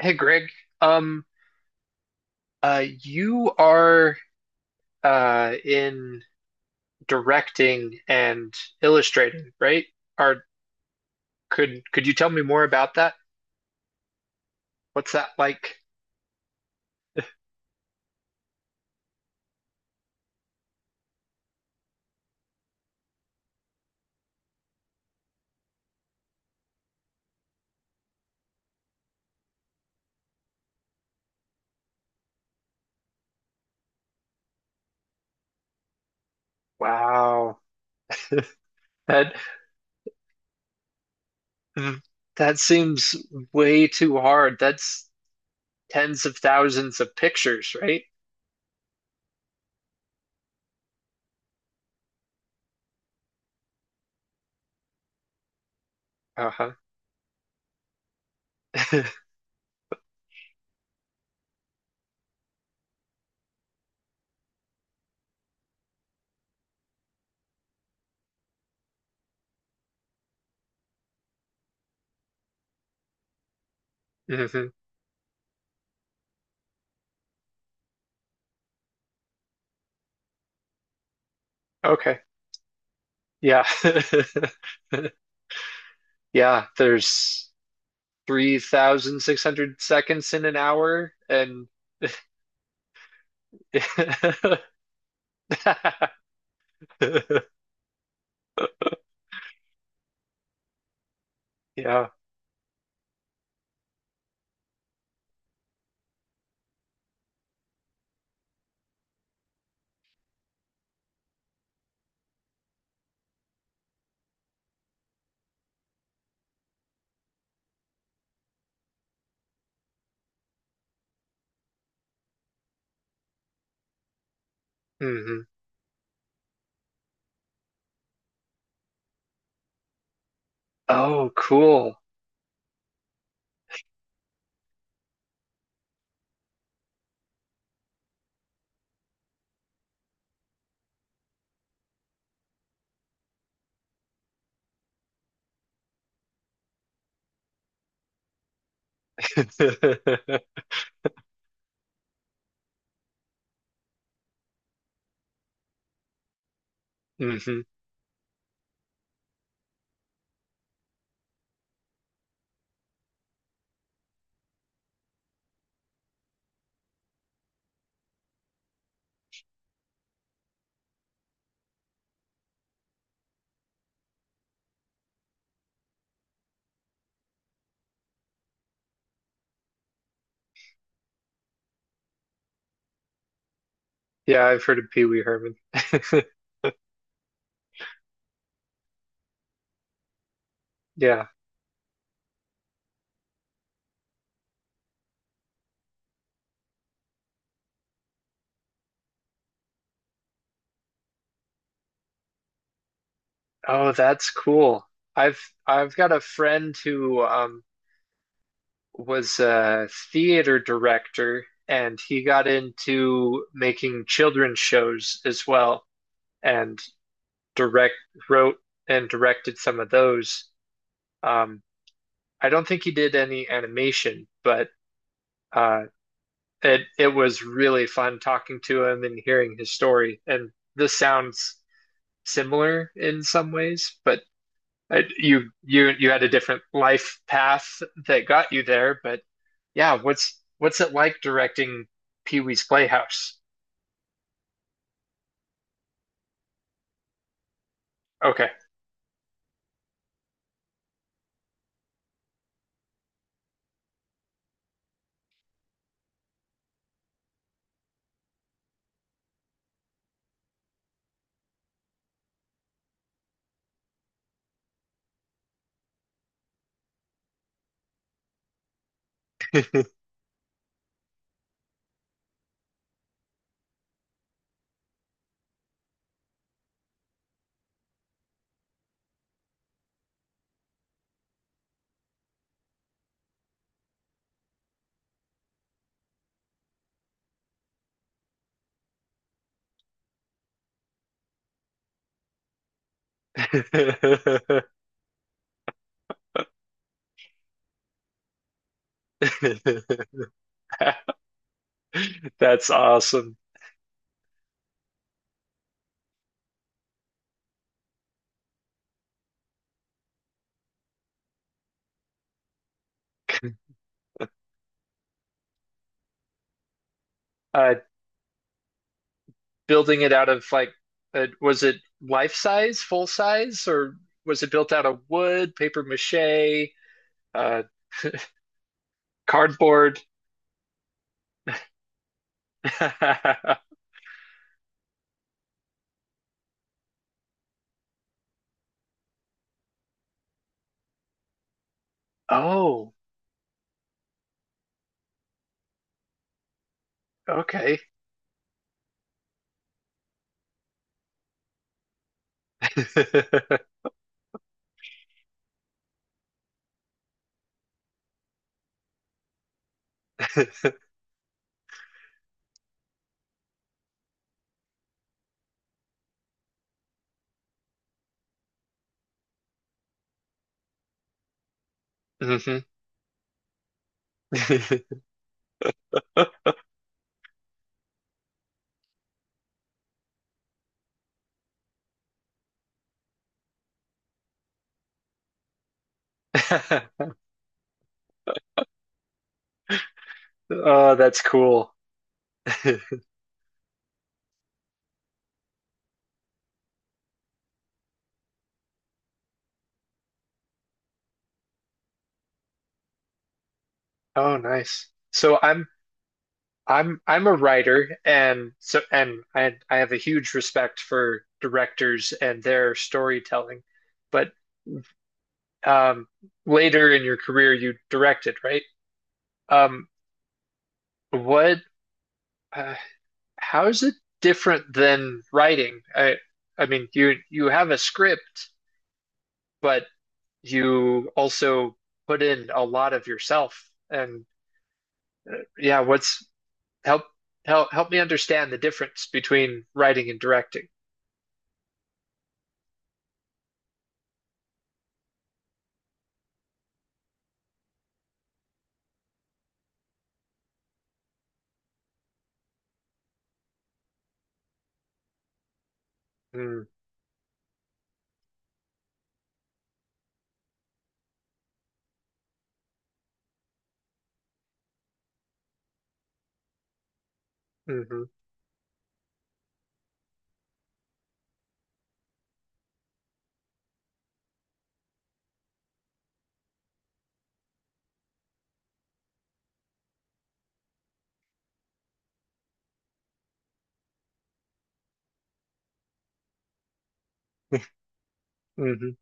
Hey Greg, um, you are in directing and illustrating, right? Or Could you tell me more about that? What's that like? Wow, that that seems way too hard. That's tens of thousands of pictures, right? Uh-huh. hmm Okay. Yeah. Yeah, there's 3,600 seconds in an hour, and Yeah. hmm Oh, cool. hmm Yeah, I've heard of Pee-wee Herman. Yeah. Oh, that's cool. I've I've got a friend who was a theater director, and he got into making children's shows as well and direct wrote and directed some of those. Um I don't think he did any animation, but uh it was really fun talking to him and hearing his story. And this sounds similar in some ways, but you had a different life path that got you there. But yeah, what's it like directing Pee Wee's Playhouse? Okay. That's awesome. Uh, building it out of, like, was it life size, full size, or was it built out of wood, paper mache? Uh, cardboard. Oh, okay. Mhm. Oh, that's cool. Oh, nice. So I'm a writer, and so and I have a huge respect for directors and their storytelling. But um later in your career you directed, right? Um what uh, how is it different than writing? I mean, you have a script, but you also put in a lot of yourself. And yeah, what's help help me understand the difference between writing and directing. Mm, mhm, mhm,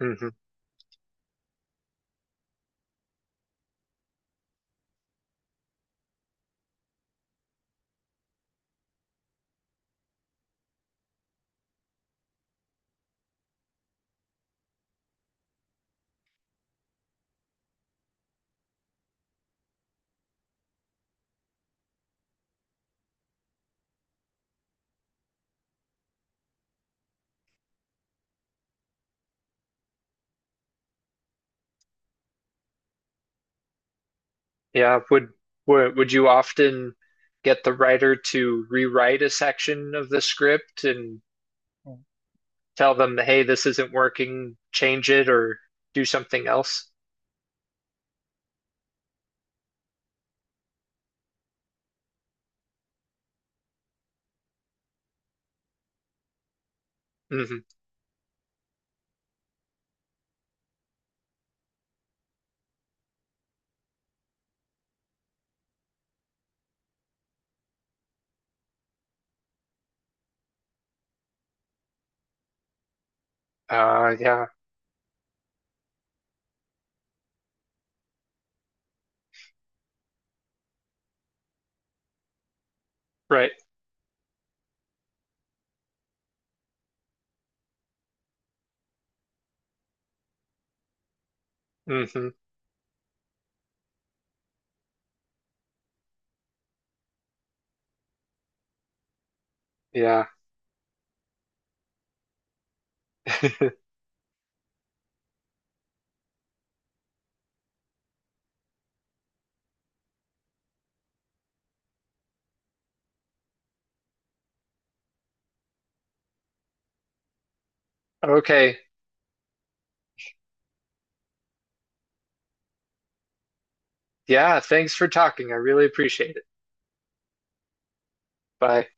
mhm. Yeah, would you often get the writer to rewrite a section of the script and tell them, hey, this isn't working, change it, or do something else? hmm yeah, right. hmm Yeah. Okay. Yeah, thanks for talking. I really appreciate it. Bye.